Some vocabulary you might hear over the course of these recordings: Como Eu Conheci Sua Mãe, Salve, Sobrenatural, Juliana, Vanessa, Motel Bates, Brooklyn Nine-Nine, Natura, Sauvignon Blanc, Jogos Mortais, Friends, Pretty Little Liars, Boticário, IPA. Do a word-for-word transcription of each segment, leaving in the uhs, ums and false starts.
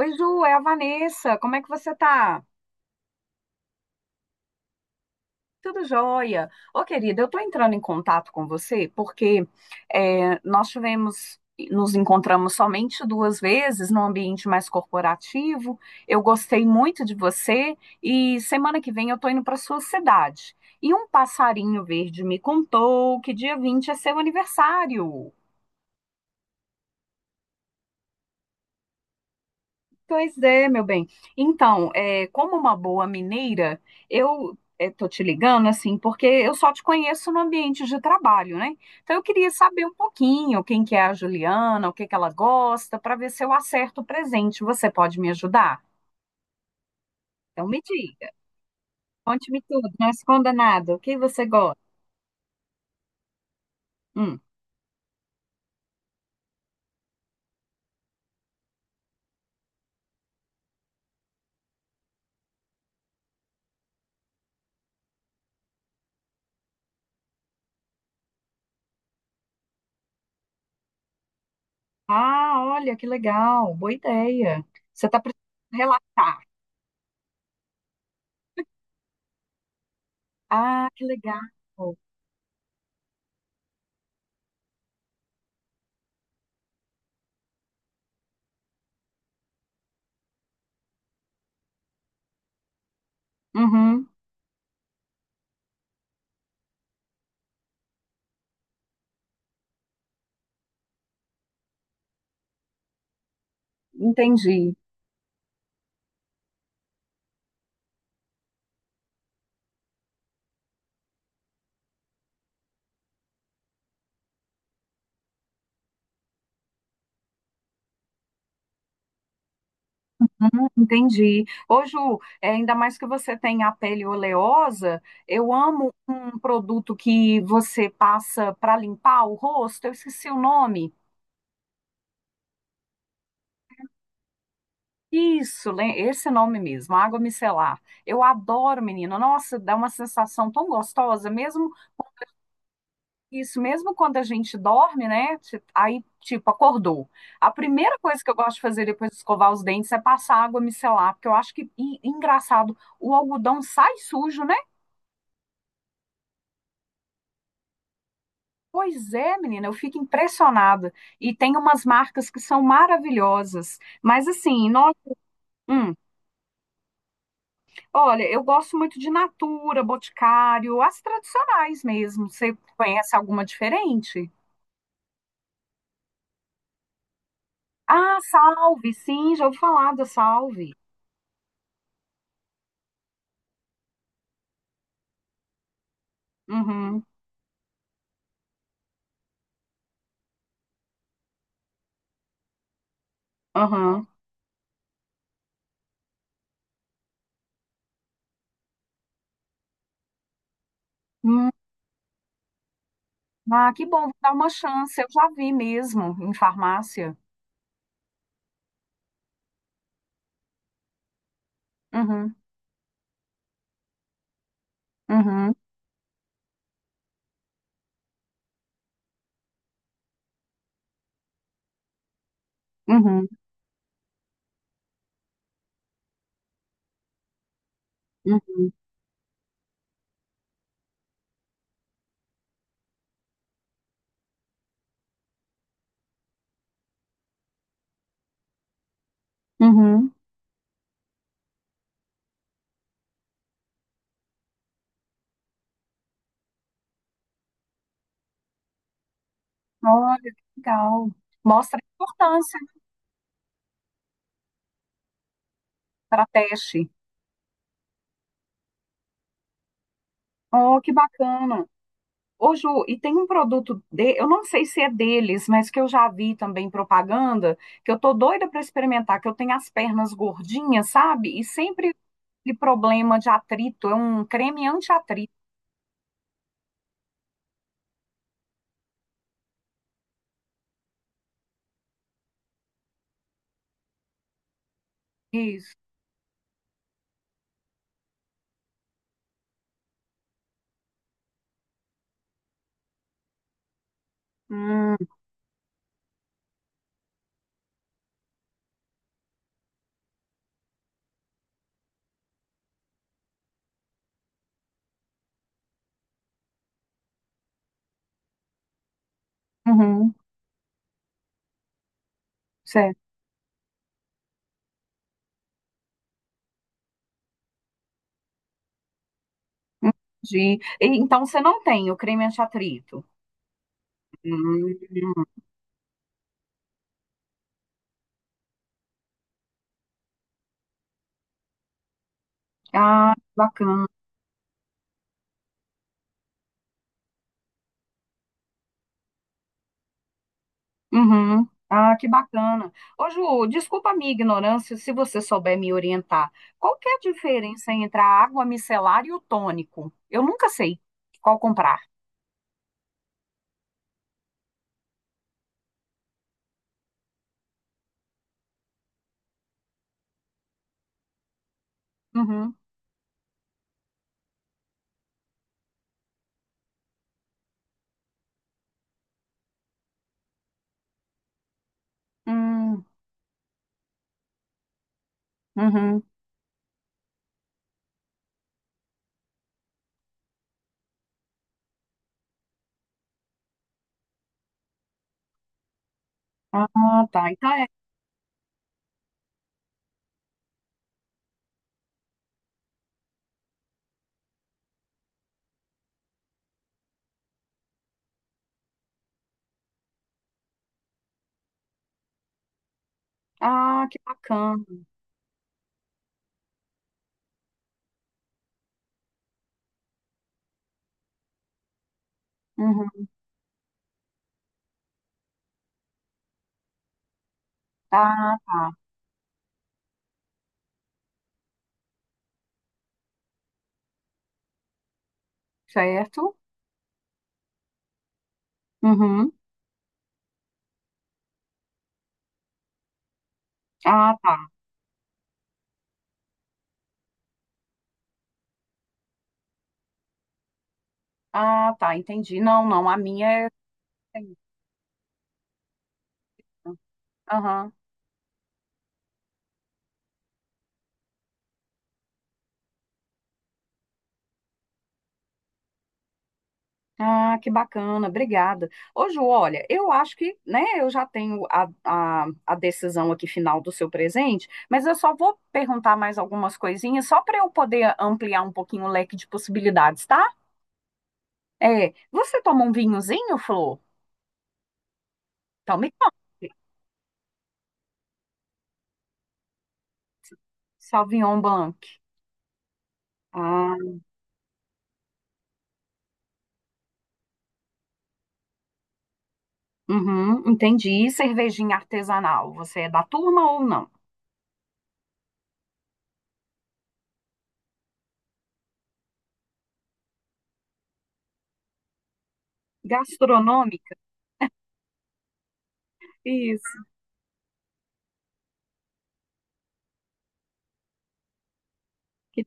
Oi, Ju, é a Vanessa. Como é que você tá? Tudo jóia. Ô, querida, eu tô entrando em contato com você porque é, nós tivemos, nos encontramos somente duas vezes no ambiente mais corporativo. Eu gostei muito de você e semana que vem eu tô indo para sua cidade. E um passarinho verde me contou que dia vinte é seu aniversário. Pois é, meu bem. Então, é, como uma boa mineira, eu estou te ligando assim, porque eu só te conheço no ambiente de trabalho, né? Então, eu queria saber um pouquinho quem que é a Juliana, o que que ela gosta, para ver se eu acerto o presente. Você pode me ajudar? Então, me diga, conte-me tudo, não esconda nada. O que você gosta? Hum. Ah, olha, que legal, boa ideia. Você está precisando relaxar. Ah, que legal. Uhum, entendi. Entendi. Ô, Ju, é, ainda mais que você tem a pele oleosa, eu amo um produto que você passa para limpar o rosto, eu esqueci o nome. Isso, lem- esse nome mesmo, água micelar. Eu adoro, menina. Nossa, dá uma sensação tão gostosa, mesmo isso, mesmo quando a gente dorme, né? Ti- Aí, tipo, acordou. A primeira coisa que eu gosto de fazer depois de escovar os dentes é passar água micelar, porque eu acho que, e- engraçado, o algodão sai sujo, né? Pois é, menina, eu fico impressionada. E tem umas marcas que são maravilhosas. Mas assim, nós, hum, olha, eu gosto muito de Natura, Boticário, as tradicionais mesmo. Você conhece alguma diferente? Ah, Salve, sim, já ouvi falar da Salve. Uhum, uhum. Hum, ah, que bom, vou dar uma chance. Eu já vi mesmo em farmácia. Uhum, uhum, uhum, uhum, uhum. Olha, que legal. Mostra a importância para teste. Oh, que bacana. Ô, Ju, e tem um produto de, eu não sei se é deles, mas que eu já vi também propaganda, que eu tô doida para experimentar, que eu tenho as pernas gordinhas, sabe? E sempre aquele problema de atrito, é um creme anti-atrito. Isso. Hum, uhum, certo. Entendi. E, então você não tem o creme anti-atrito. Hum, ah, bacana. Uhum. Ah, que bacana. Ô, Ju, desculpa a minha ignorância, se você souber me orientar. Qual que é a diferença entre a água micelar e o tônico? Eu nunca sei qual comprar. Uhum. Hum, uhum. Ah, tá. Então é. Ah, que bacana. Uhum. Ah, tá. Certo? Uhum. Ah, tá. Ah, tá. Entendi. Não, não. A minha é. Aham. Ah, que bacana, obrigada. Ô, Ju, olha, eu acho que, né, eu já tenho a, a, a decisão aqui final do seu presente, mas eu só vou perguntar mais algumas coisinhas, só para eu poder ampliar um pouquinho o leque de possibilidades, tá? É, você toma um vinhozinho, Flor? Então me conte. Sauvignon Blanc. Ah, uhum, entendi. E cervejinha artesanal, você é da turma ou não? Gastronômica? Isso. Que-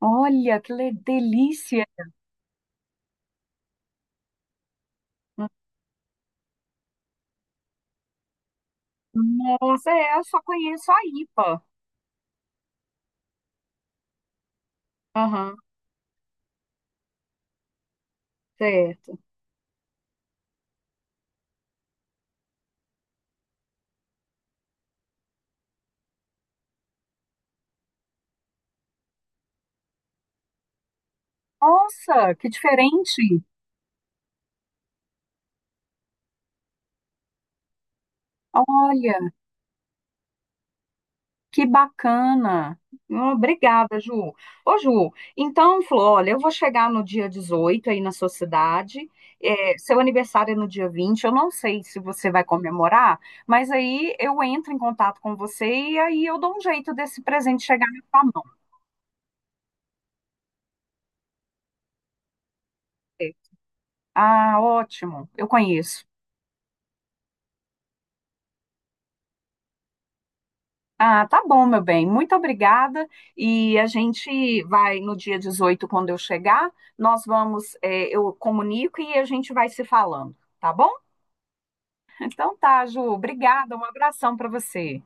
olha, que le- delícia. Nossa, é, eu só conheço a I P A. Aham, certo. Nossa, que diferente. Olha, que bacana. Hum, Obrigada, Ju. Ô, Ju, então, Flor, olha, eu vou chegar no dia dezoito aí na sua cidade. É, seu aniversário é no dia vinte. Eu não sei se você vai comemorar, mas aí eu entro em contato com você e aí eu dou um jeito desse presente chegar na sua mão. Ah, ótimo. Eu conheço. Ah, tá bom, meu bem. Muito obrigada. E a gente vai no dia dezoito quando eu chegar, nós vamos, eh, eu comunico e a gente vai se falando, tá bom? Então tá, Ju. Obrigada. Um abração para você.